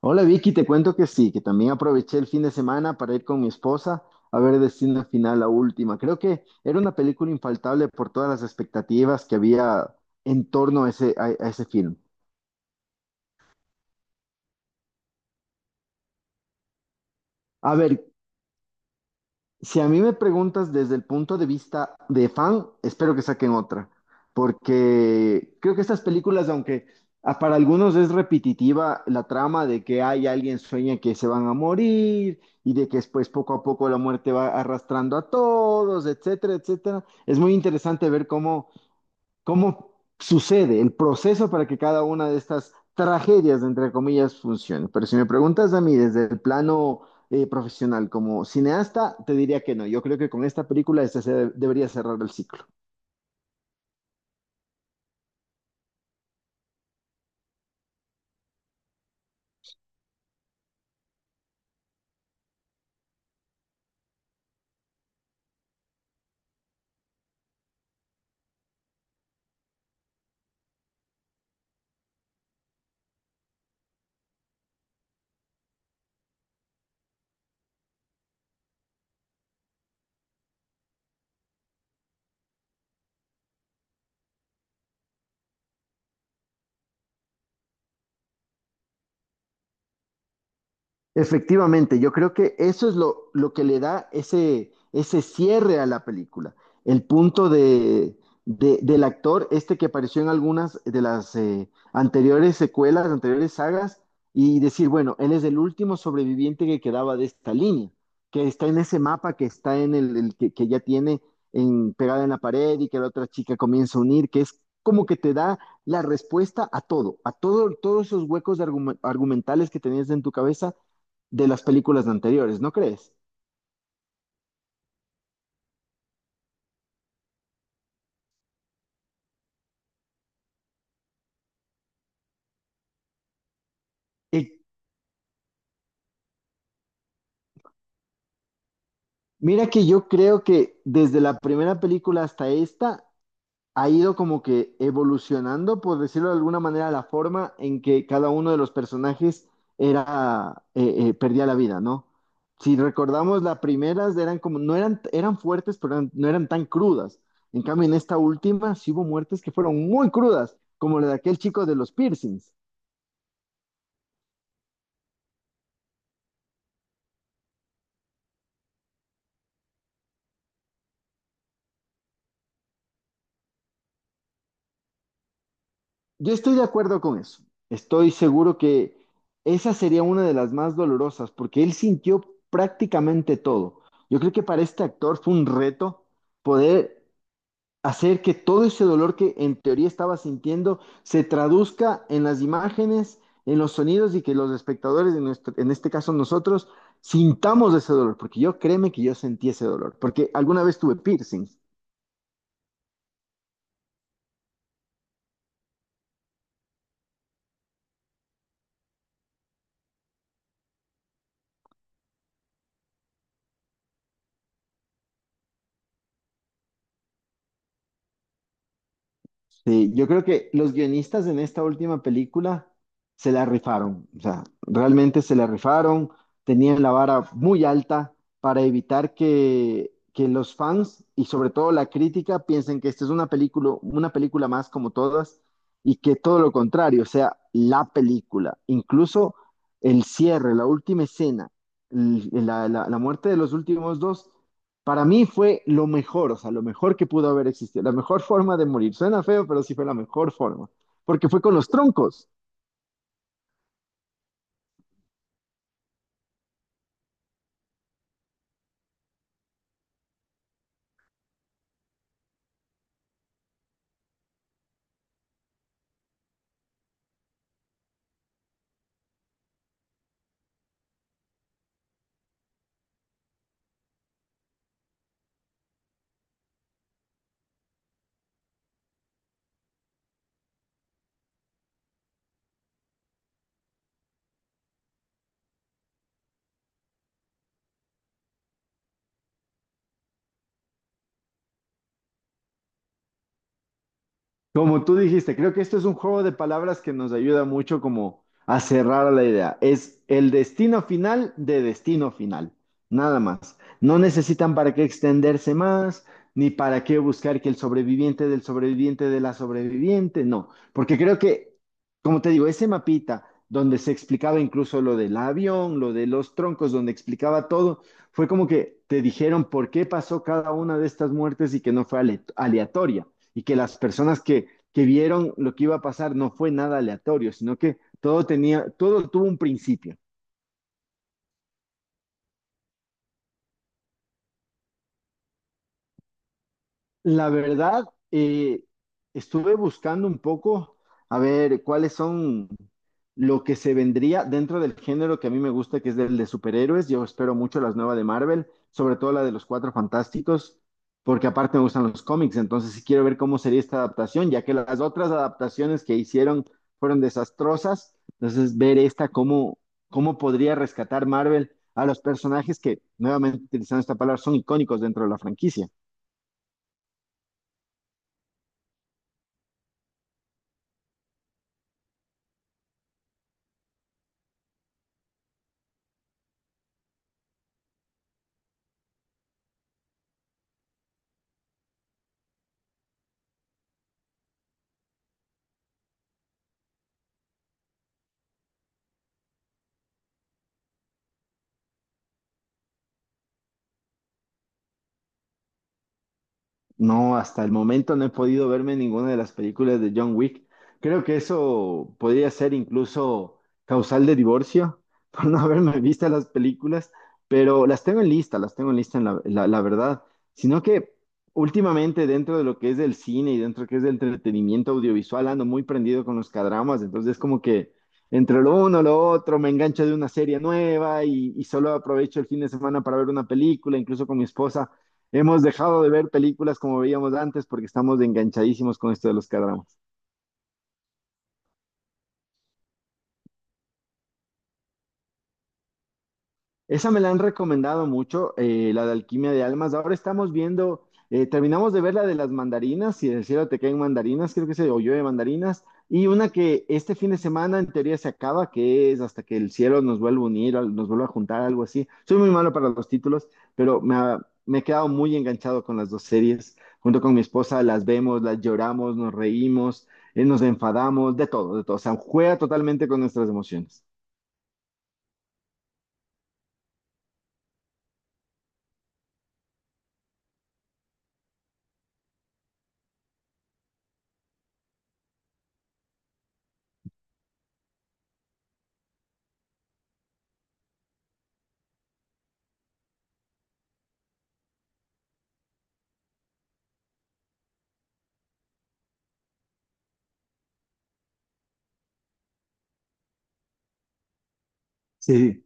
Hola Vicky, te cuento que sí, que también aproveché el fin de semana para ir con mi esposa a ver Destino Final, la última. Creo que era una película infaltable por todas las expectativas que había en torno a ese film. A ver, si a mí me preguntas desde el punto de vista de fan, espero que saquen otra, porque creo que estas películas, aunque para algunos es repetitiva la trama de que hay alguien sueña que se van a morir y de que después poco a poco la muerte va arrastrando a todos, etcétera, etcétera, es muy interesante ver cómo sucede el proceso para que cada una de estas tragedias, entre comillas, funcione. Pero si me preguntas a mí desde el plano profesional como cineasta, te diría que no. Yo creo que con esta película debería cerrar el ciclo. Efectivamente, yo creo que eso es lo que le da ese cierre a la película. El punto del actor, este que apareció en algunas de las anteriores secuelas, anteriores sagas, y decir, bueno, él es el último sobreviviente que quedaba de esta línea, que está en ese mapa, que está en el que ya tiene en, pegada en la pared y que la otra chica comienza a unir, que es como que te da la respuesta a todo, todos esos huecos de argumentales que tenías en tu cabeza de las películas anteriores, ¿no crees? Y mira que yo creo que desde la primera película hasta esta ha ido como que evolucionando, por decirlo de alguna manera, la forma en que cada uno de los personajes era, perdía la vida, ¿no? Si recordamos, las primeras eran como, no eran, eran fuertes, pero no eran tan crudas. En cambio, en esta última sí hubo muertes que fueron muy crudas, como la de aquel chico de los piercings. Yo estoy de acuerdo con eso. Estoy seguro que esa sería una de las más dolorosas porque él sintió prácticamente todo. Yo creo que para este actor fue un reto poder hacer que todo ese dolor que en teoría estaba sintiendo se traduzca en las imágenes, en los sonidos y que los espectadores, en este caso nosotros, sintamos ese dolor. Porque yo créeme que yo sentí ese dolor. Porque alguna vez tuve piercing. Sí, yo creo que los guionistas en esta última película se la rifaron, o sea, realmente se la rifaron, tenían la vara muy alta para evitar que los fans y sobre todo la crítica piensen que esta es una película más como todas y que todo lo contrario, o sea, la película, incluso el cierre, la última escena, la muerte de los últimos dos. Para mí fue lo mejor, o sea, lo mejor que pudo haber existido, la mejor forma de morir. Suena feo, pero sí fue la mejor forma, porque fue con los troncos. Como tú dijiste, creo que esto es un juego de palabras que nos ayuda mucho como a cerrar la idea. Es el destino final de destino final, nada más. No necesitan para qué extenderse más, ni para qué buscar que el sobreviviente del sobreviviente de la sobreviviente, no. Porque creo que, como te digo, ese mapita donde se explicaba incluso lo del avión, lo de los troncos, donde explicaba todo, fue como que te dijeron por qué pasó cada una de estas muertes y que no fue aleatoria y que las personas que vieron lo que iba a pasar no fue nada aleatorio, sino que todo tenía, todo tuvo un principio. La verdad, eh, estuve buscando un poco a ver cuáles son lo que se vendría dentro del género que a mí me gusta, que es el de superhéroes. Yo espero mucho las nuevas de Marvel, sobre todo la de los Cuatro Fantásticos, porque aparte me gustan los cómics, entonces sí quiero ver cómo sería esta adaptación, ya que las otras adaptaciones que hicieron fueron desastrosas. Entonces, ver esta, cómo, cómo podría rescatar Marvel a los personajes que, nuevamente utilizando esta palabra, son icónicos dentro de la franquicia. No, hasta el momento no he podido verme ninguna de las películas de John Wick. Creo que eso podría ser incluso causal de divorcio por no haberme visto las películas, pero las tengo en lista, las tengo en lista en la verdad. Sino que últimamente dentro de lo que es el cine y dentro de lo que es el entretenimiento audiovisual ando muy prendido con los cadramas, entonces como que entre lo uno, lo otro, me engancho de una serie nueva y solo aprovecho el fin de semana para ver una película, incluso con mi esposa. Hemos dejado de ver películas como veíamos antes porque estamos enganchadísimos con esto de los k. Esa me la han recomendado mucho, la de Alquimia de Almas. Ahora estamos viendo, terminamos de ver la de las mandarinas, si del cielo te caen mandarinas, creo que se o llueve mandarinas, y una que este fin de semana en teoría se acaba, que es hasta que el cielo nos vuelva a unir, nos vuelva a juntar, algo así. Soy muy malo para los títulos, pero me he quedado muy enganchado con las dos series. Junto con mi esposa las vemos, las lloramos, nos reímos, nos enfadamos, de todo, de todo. O sea, juega totalmente con nuestras emociones. Sí.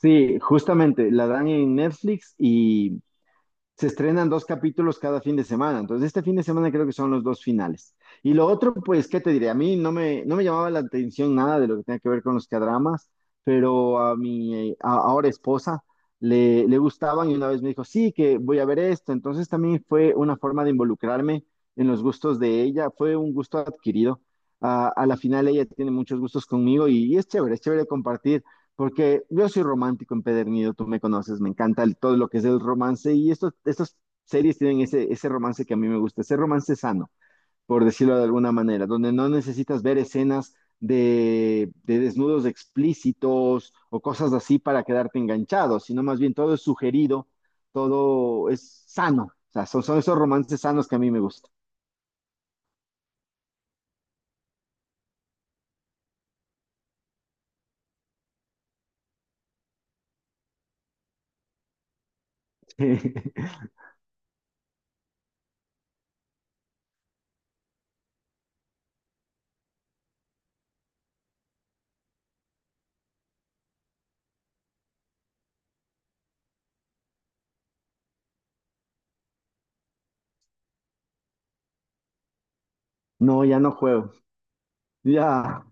Sí, justamente, la dan en Netflix y se estrenan dos capítulos cada fin de semana. Entonces, este fin de semana creo que son los dos finales. Y lo otro, pues, ¿qué te diré? A mí no me llamaba la atención nada de lo que tenga que ver con los cadramas, pero a mi ahora esposa le gustaban y una vez me dijo, sí, que voy a ver esto. Entonces, también fue una forma de involucrarme en los gustos de ella. Fue un gusto adquirido. Ah, a la final, ella tiene muchos gustos conmigo y es chévere compartir porque yo soy romántico empedernido, tú me conoces, me encanta todo lo que es el romance y estas series tienen ese romance que a mí me gusta, ese romance sano, por decirlo de alguna manera, donde no necesitas ver escenas de desnudos explícitos o cosas así para quedarte enganchado, sino más bien todo es sugerido, todo es sano. O sea, son esos romances sanos que a mí me gustan. No, ya no juego. Ya.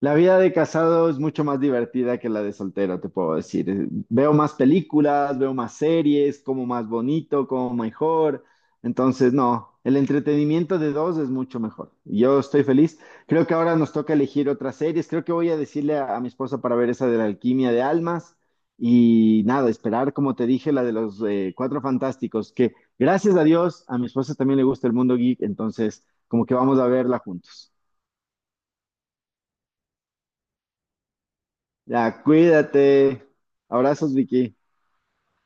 La vida de casado es mucho más divertida que la de soltero, te puedo decir. Veo más películas, veo más series, como más bonito, como mejor. Entonces, no, el entretenimiento de dos es mucho mejor. Yo estoy feliz. Creo que ahora nos toca elegir otras series. Creo que voy a decirle a mi esposa para ver esa de la alquimia de almas. Y nada, esperar, como te dije, la de los Cuatro Fantásticos, que gracias a Dios, a mi esposa también le gusta el mundo geek, entonces como que vamos a verla juntos. Ya, cuídate. Abrazos, Vicky.